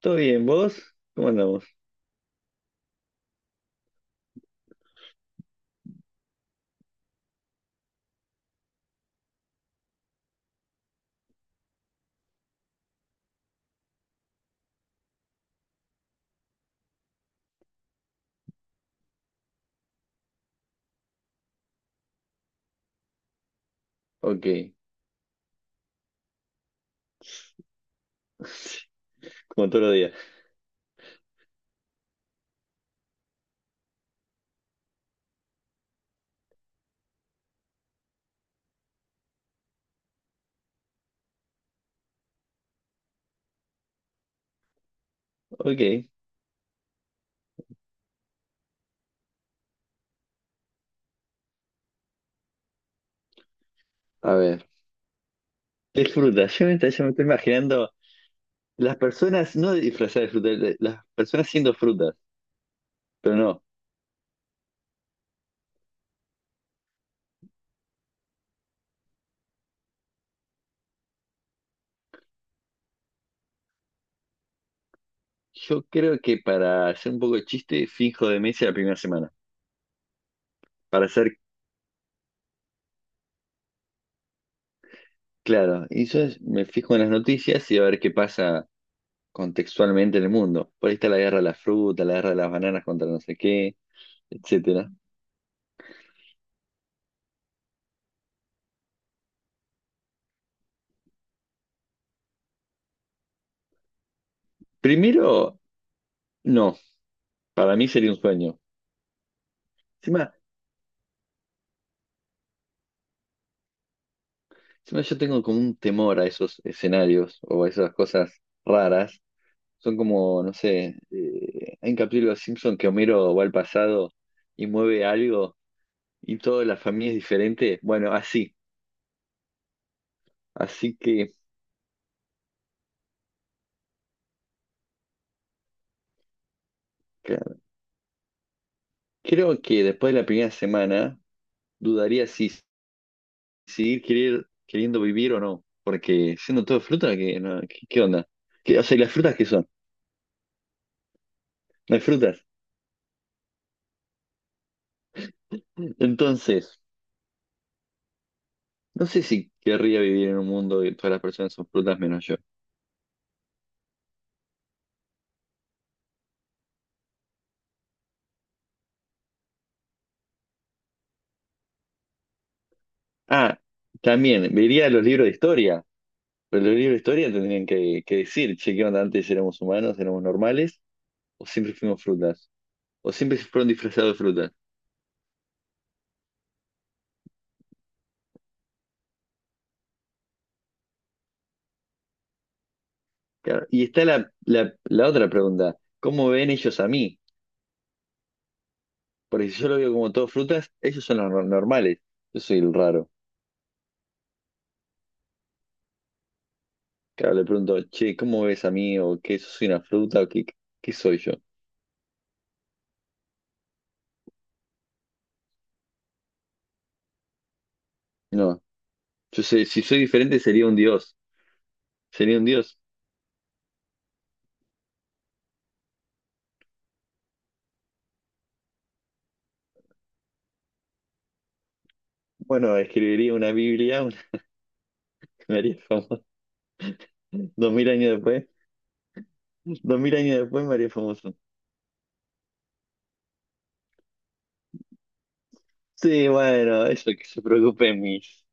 ¿Todo bien? ¿Vos? ¿Cómo andamos? Ok. Como todos los días. Ok. A ver. Es fruta. Yo me estoy imaginando las personas, no disfrazadas de fruta, las personas siendo frutas. Pero no. Yo creo que para hacer un poco de chiste, finjo demencia la primera semana. Para ser claro. Y yo me fijo en las noticias y a ver qué pasa contextualmente en el mundo. Por ahí está la guerra de las frutas, la guerra de las bananas contra no sé qué, etcétera. Primero, no. Para mí sería un sueño. Encima. Encima, yo tengo como un temor a esos escenarios o a esas cosas raras. Son como, no sé, hay un capítulo de Los Simpson que Homero va al pasado y mueve algo y toda la familia es diferente. Bueno, así. Así que claro, creo que después de la primera semana dudaría si queriendo vivir o no. Porque siendo todo fruta, ¿qué, no, qué, qué onda? O sea, ¿y las frutas qué son? No hay frutas. Entonces, no sé si querría vivir en un mundo donde todas las personas son frutas menos yo. Ah, también, vería los libros de historia. Pero los libros de historia tendrían que decir, che, ¿qué onda? ¿Antes éramos humanos, éramos normales, o siempre fuimos frutas, o siempre fueron disfrazados de frutas? Claro, y está la otra pregunta, ¿cómo ven ellos a mí? Porque si yo lo veo como todos frutas, ellos son los normales, yo soy el raro. Claro, le pregunto, che, ¿cómo ves a mí? ¿O qué? ¿Soy una fruta? ¿O qué, qué soy yo? No, yo sé, si soy diferente sería un dios, sería un dios. Bueno, escribiría una Biblia, una, me haría famoso. 2000 años después, 2000 años después me haría famoso. Sí, bueno, eso que se preocupen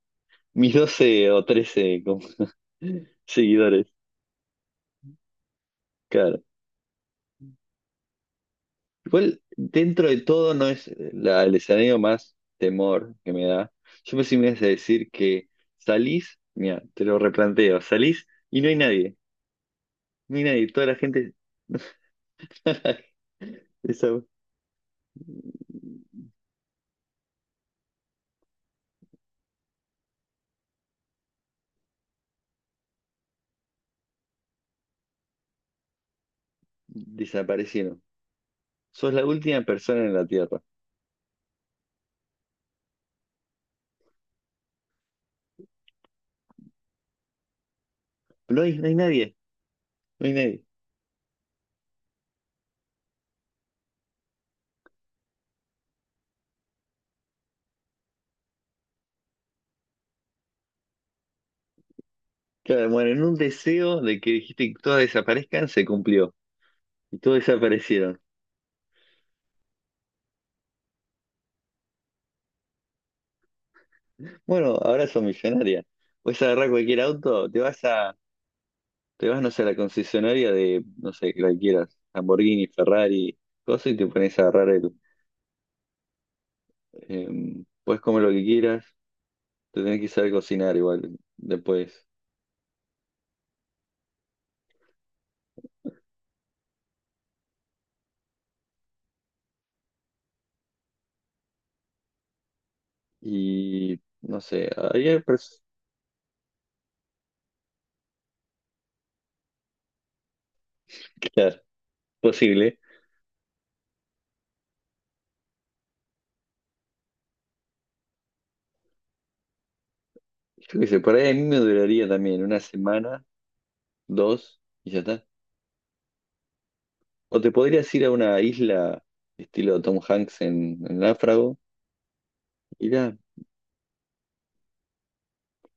mis 12 o 13 como seguidores, claro. Igual, dentro de todo, no es el escenario más temor que me da. Yo pensé que me ibas a decir que salís, mira, te lo replanteo, salís y no hay nadie, no hay nadie, toda la gente desa- desaparecieron. Sos la última persona en la Tierra. No hay, no hay nadie, no hay nadie. Claro, bueno, en un deseo de que dijiste que todas desaparezcan, se cumplió. Y todos desaparecieron. Bueno, ahora sos millonaria. Puedes agarrar cualquier auto, te vas, no sé, a la concesionaria de, no sé, cualquiera, Lamborghini, Ferrari, cosas, y te pones a agarrar el. Puedes comer lo que quieras, te tenés que saber cocinar igual después. Y, no sé, claro, posible. Yo qué sé, por ahí a mí me duraría también una semana, dos, y ya está. O te podrías ir a una isla estilo Tom Hanks en Náufrago. Mirá,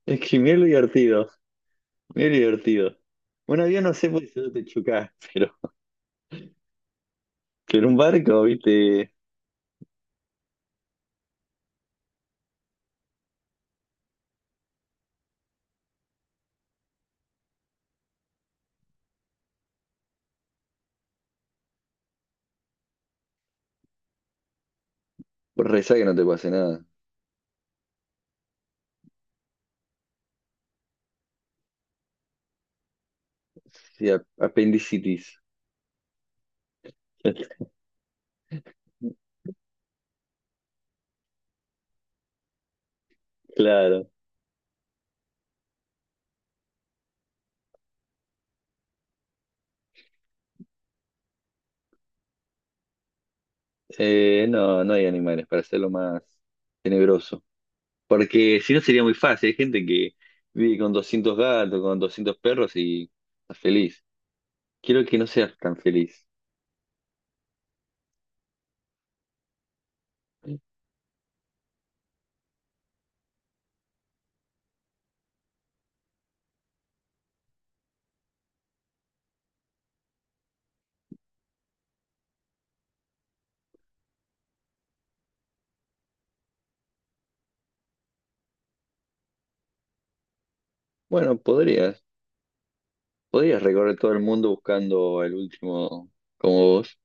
es que mirá lo divertido, mirá lo divertido. Un avión no sé porque si no te chocás, pero un barco, viste, vos rezá que no te pase nada. Sí, apendicitis. Claro. No, no hay animales para hacerlo más tenebroso. Porque si no sería muy fácil. Hay gente que vive con 200 gatos, con 200 perros y está feliz. Quiero que no seas tan feliz. Bueno, podrías. Podrías recorrer todo el mundo buscando el último como vos.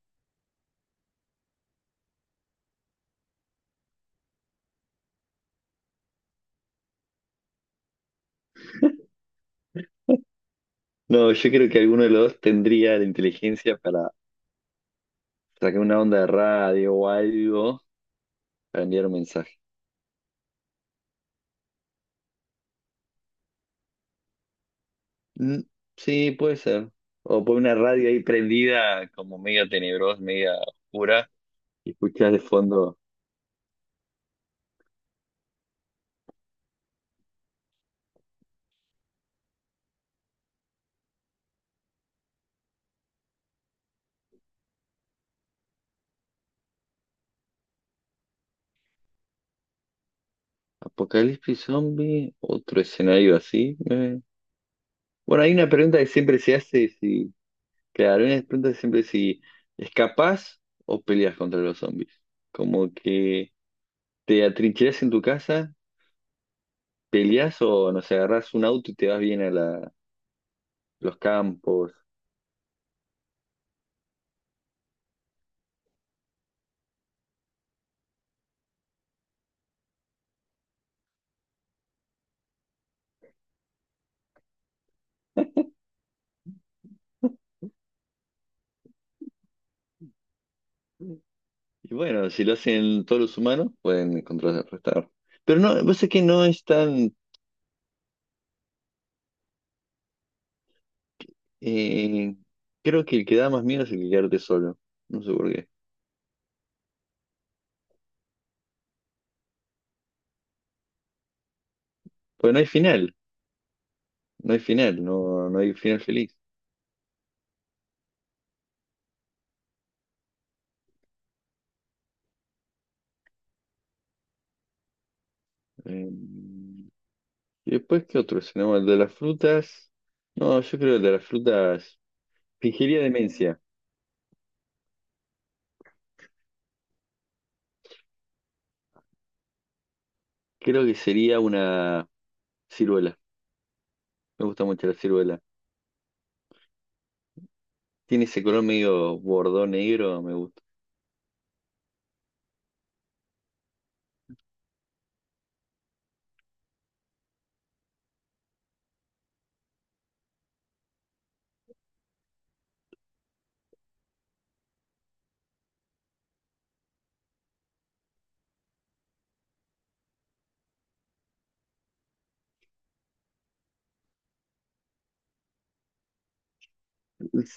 No, yo creo que alguno de los dos tendría la inteligencia para sacar una onda de radio o algo para enviar un mensaje. Mm, sí, puede ser. O poner una radio ahí prendida, como media tenebrosa, media oscura, y escuchar de fondo. Apocalipsis Zombie, otro escenario así. Bueno, hay una pregunta que siempre se hace, si, claro, hay una pregunta que siempre si escapás o peleas contra los zombies. Como que ¿te atrincherás en tu casa, peleás o nos agarrás un auto y te vas bien a los campos? Y bueno, si lo hacen todos los humanos, pueden contrarrestar. Pero no, vos sé que no es tan... eh, creo que el que da más miedo es el que quedarte solo. No sé por qué. Pues no hay final, no, no hay final feliz. Eh, y después, ¿qué otro escenario? El de las frutas. No, yo creo que el de las frutas... Fingiría demencia. Creo que sería una ciruela. Me gusta mucho la ciruela. Tiene ese color medio bordón negro, me gusta.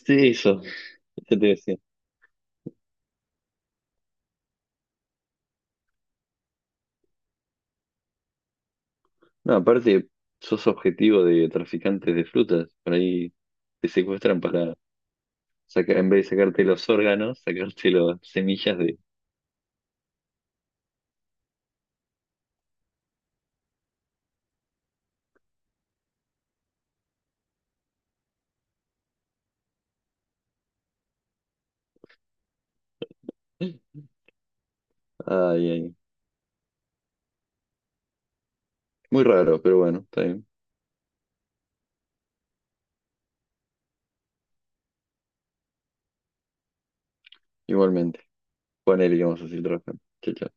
Sí, eso, ya te decía. No, aparte, sos objetivo de traficantes de frutas. Por ahí te secuestran para sacar, en vez de sacarte los órganos, sacarte las semillas de. Ay, ay. Muy raro, pero bueno, está bien. Igualmente. Ponele que vamos a hacer trabajar. Chao, chao.